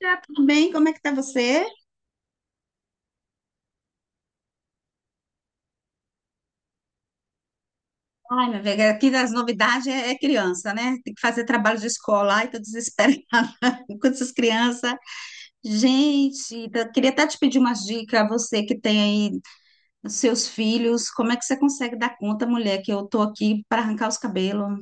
Tá tudo bem? Como é que tá você? Ai, minha velha, aqui das novidades é criança, né? Tem que fazer trabalho de escola, ai, tô desesperada com essas crianças. Gente, queria até te pedir umas dicas, você que tem aí os seus filhos, como é que você consegue dar conta, mulher, que eu tô aqui para arrancar os cabelos?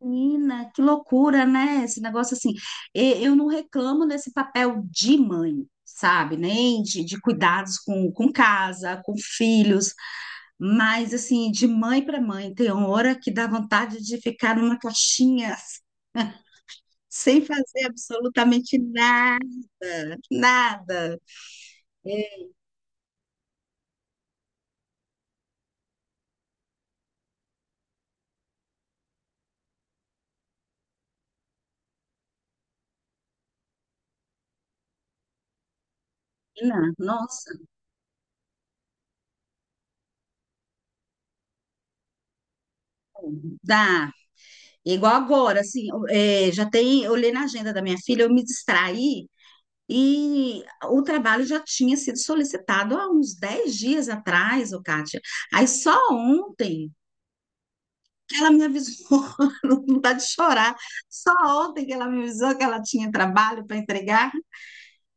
Menina, que loucura, né? Esse negócio assim. Eu não reclamo desse papel de mãe. Sabe, nem de cuidados com casa, com filhos. Mas, assim, de mãe para mãe, tem hora que dá vontade de ficar numa caixinha sem fazer absolutamente nada, nada. É, não, nossa, dá. Igual agora, assim, já tem, eu olhei na agenda da minha filha, eu me distraí e o trabalho já tinha sido solicitado há uns 10 dias atrás, ô Kátia. Aí só ontem que ela me avisou, não dá de chorar. Só ontem que ela me avisou que ela tinha trabalho para entregar.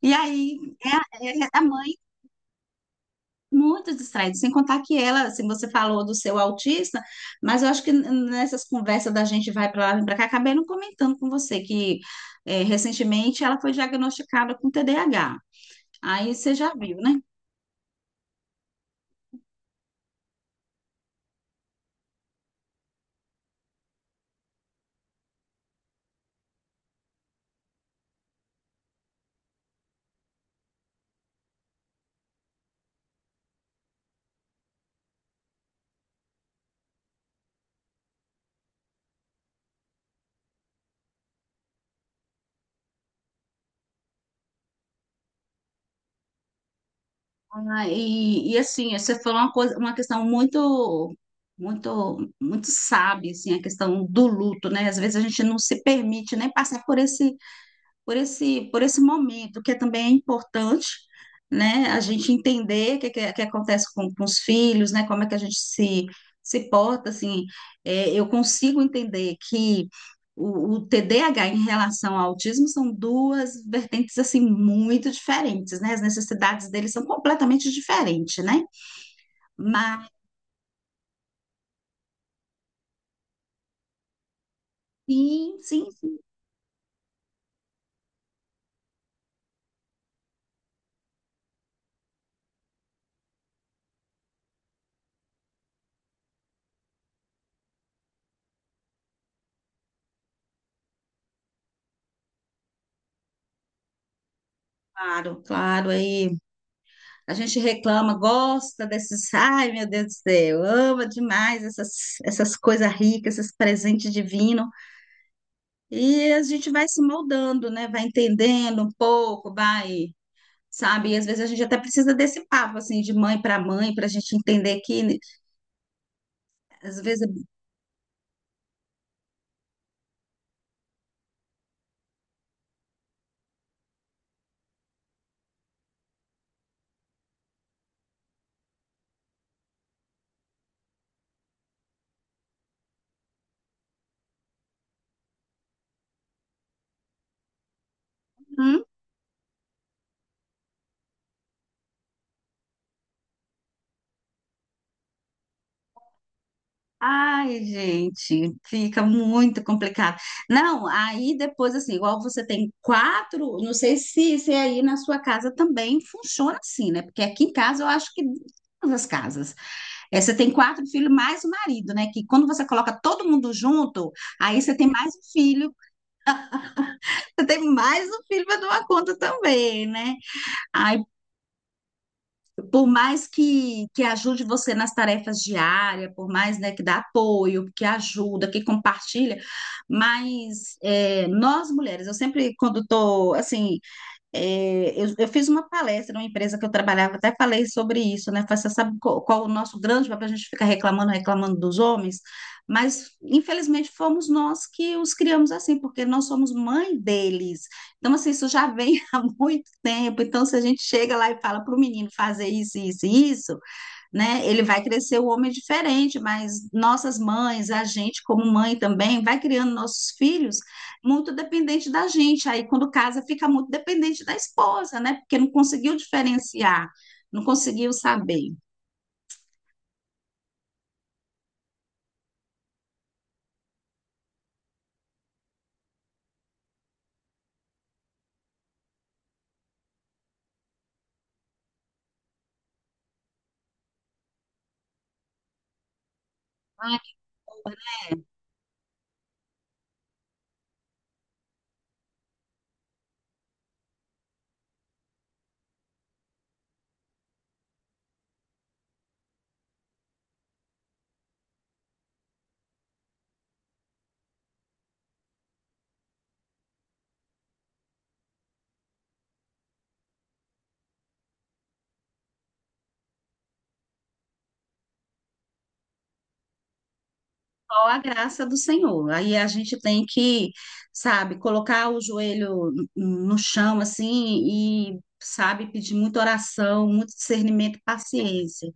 E aí, é, a- é a mãe muito distraída, sem contar que ela, assim, você falou do seu autista, mas eu acho que nessas conversas da gente vai para lá vem para cá, acabei não comentando com você que recentemente ela foi diagnosticada com TDAH. Aí você já viu, né? Ah, e assim, você falou uma coisa, uma questão muito, muito, muito sábia, assim, a questão do luto, né? Às vezes a gente não se permite nem passar por esse momento, que é também é importante, né, a gente entender o que acontece com os filhos, né, como é que a gente se porta, assim. Eu consigo entender que o TDAH em relação ao autismo são duas vertentes, assim, muito diferentes, né, as necessidades deles são completamente diferentes, né, mas sim, sim, sim, claro, claro. Aí a gente reclama, gosta desses, ai meu Deus do céu, ama demais essas, coisas ricas, esses presentes divinos. E a gente vai se moldando, né? Vai entendendo um pouco, vai, sabe? E às vezes a gente até precisa desse papo, assim, de mãe para mãe, para a gente entender que, né, às vezes. é Ai, gente, fica muito complicado. Não, aí depois, assim, igual você tem quatro, não sei se aí na sua casa também funciona assim, né? Porque aqui em casa eu acho que todas as casas. É, você tem quatro filhos mais o marido, né? Que quando você coloca todo mundo junto, aí você tem mais um filho, você tem mais um filho para dar uma conta também, né? Por mais que ajude você nas tarefas diárias, por mais, né, que dá apoio, que ajuda, que compartilha, mas nós mulheres, eu sempre quando estou assim. Eu fiz uma palestra numa empresa que eu trabalhava, até falei sobre isso, né? Falei: você sabe qual o nosso grande papel? A gente fica reclamando, reclamando dos homens, mas infelizmente fomos nós que os criamos assim, porque nós somos mãe deles. Então, assim, isso já vem há muito tempo. Então, se a gente chega lá e fala para o menino fazer isso, isso, e isso, né? Ele vai crescer um homem diferente, mas nossas mães, a gente como mãe também, vai criando nossos filhos muito dependente da gente. Aí quando casa fica muito dependente da esposa, né? Porque não conseguiu diferenciar, não conseguiu saber. Ah, qual a graça do Senhor? Aí a gente tem que, sabe, colocar o joelho no chão assim e sabe pedir muita oração, muito discernimento, e paciência.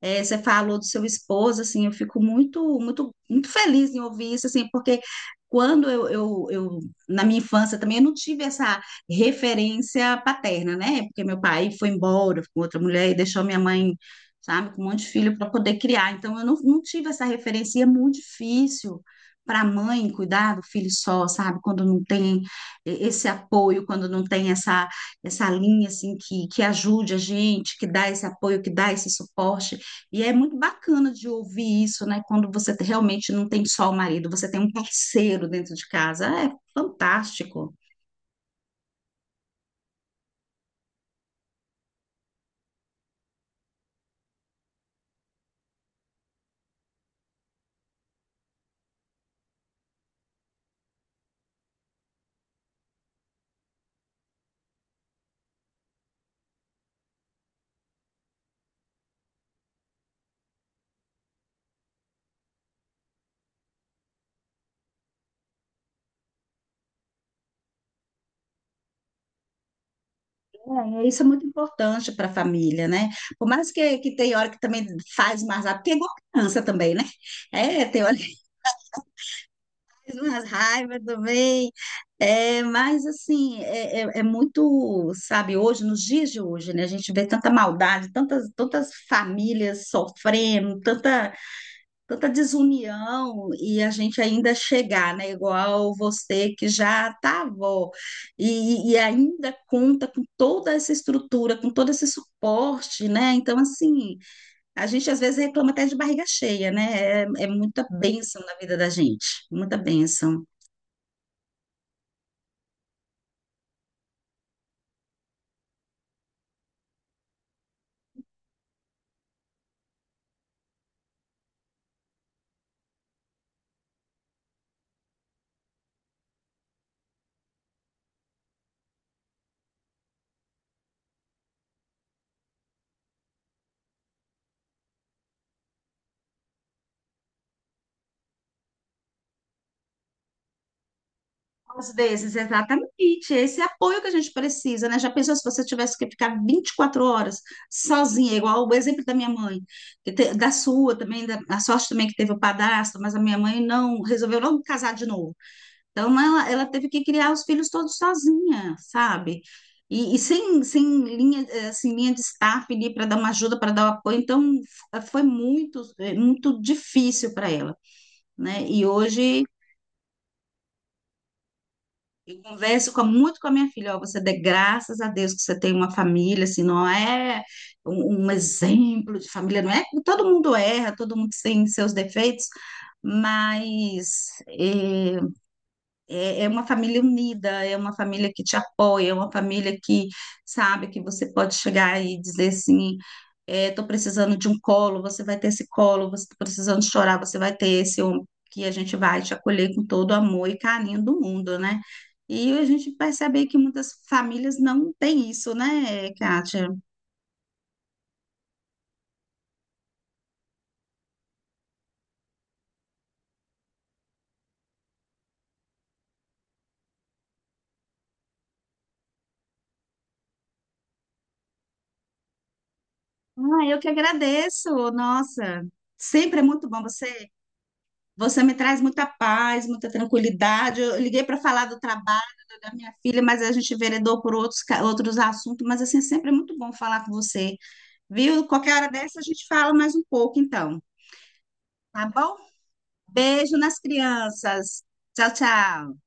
É, você falou do seu esposo, assim, eu fico muito, muito, muito feliz em ouvir isso, assim, porque quando eu, eu na minha infância também eu não tive essa referência paterna, né? Porque meu pai foi embora com outra mulher e deixou minha mãe, sabe, com um monte de filho para poder criar. Então eu não tive essa referência, e é muito difícil para a mãe cuidar do filho só, sabe? Quando não tem esse apoio, quando não tem essa linha assim que ajude a gente, que dá esse apoio, que dá esse suporte. E é muito bacana de ouvir isso, né? Quando você realmente não tem só o marido, você tem um parceiro dentro de casa. É fantástico. É, isso é muito importante para a família, né? Por mais que tem hora que também faz mais raiva, porque é igual criança também, né? É, tem hora que faz mais raiva também. É, mas assim, é muito, sabe, hoje, nos dias de hoje, né? A gente vê tanta maldade, tantas famílias sofrendo, tanta desunião, e a gente ainda chegar, né? Igual você que já tá avó e ainda conta com toda essa estrutura, com todo esse suporte, né? Então, assim, a gente às vezes reclama até de barriga cheia, né? É muita bênção na vida da gente, muita bênção. Às vezes, exatamente. Esse apoio que a gente precisa, né? Já pensou se você tivesse que ficar 24 horas sozinha, igual o exemplo da minha mãe, que da sua também, a sorte também que teve o padrasto, mas a minha mãe não resolveu não casar de novo. Então, ela teve que criar os filhos todos sozinha, sabe? E sem linha, assim, linha de staff ali para dar uma ajuda, para dar o apoio. Então, foi muito, muito difícil para ela, né? E hoje. Eu converso muito com a minha filha: ó, você dê graças a Deus que você tem uma família, assim, não é um exemplo de família, não é? Todo mundo erra, todo mundo tem seus defeitos, mas é uma família unida, é uma família que te apoia, é uma família que sabe que você pode chegar e dizer assim: estou precisando de um colo, você vai ter esse colo, você está precisando chorar, você vai ter esse ombro, que a gente vai te acolher com todo o amor e carinho do mundo, né? E a gente percebe aí que muitas famílias não têm isso, né, Kátia? Ah, eu que agradeço, nossa, sempre é muito bom você. Você me traz muita paz, muita tranquilidade. Eu liguei para falar do trabalho da minha filha, mas a gente veredou por outros, outros assuntos. Mas assim, sempre é muito bom falar com você, viu? Qualquer hora dessa a gente fala mais um pouco, então, tá bom? Beijo nas crianças. Tchau, tchau.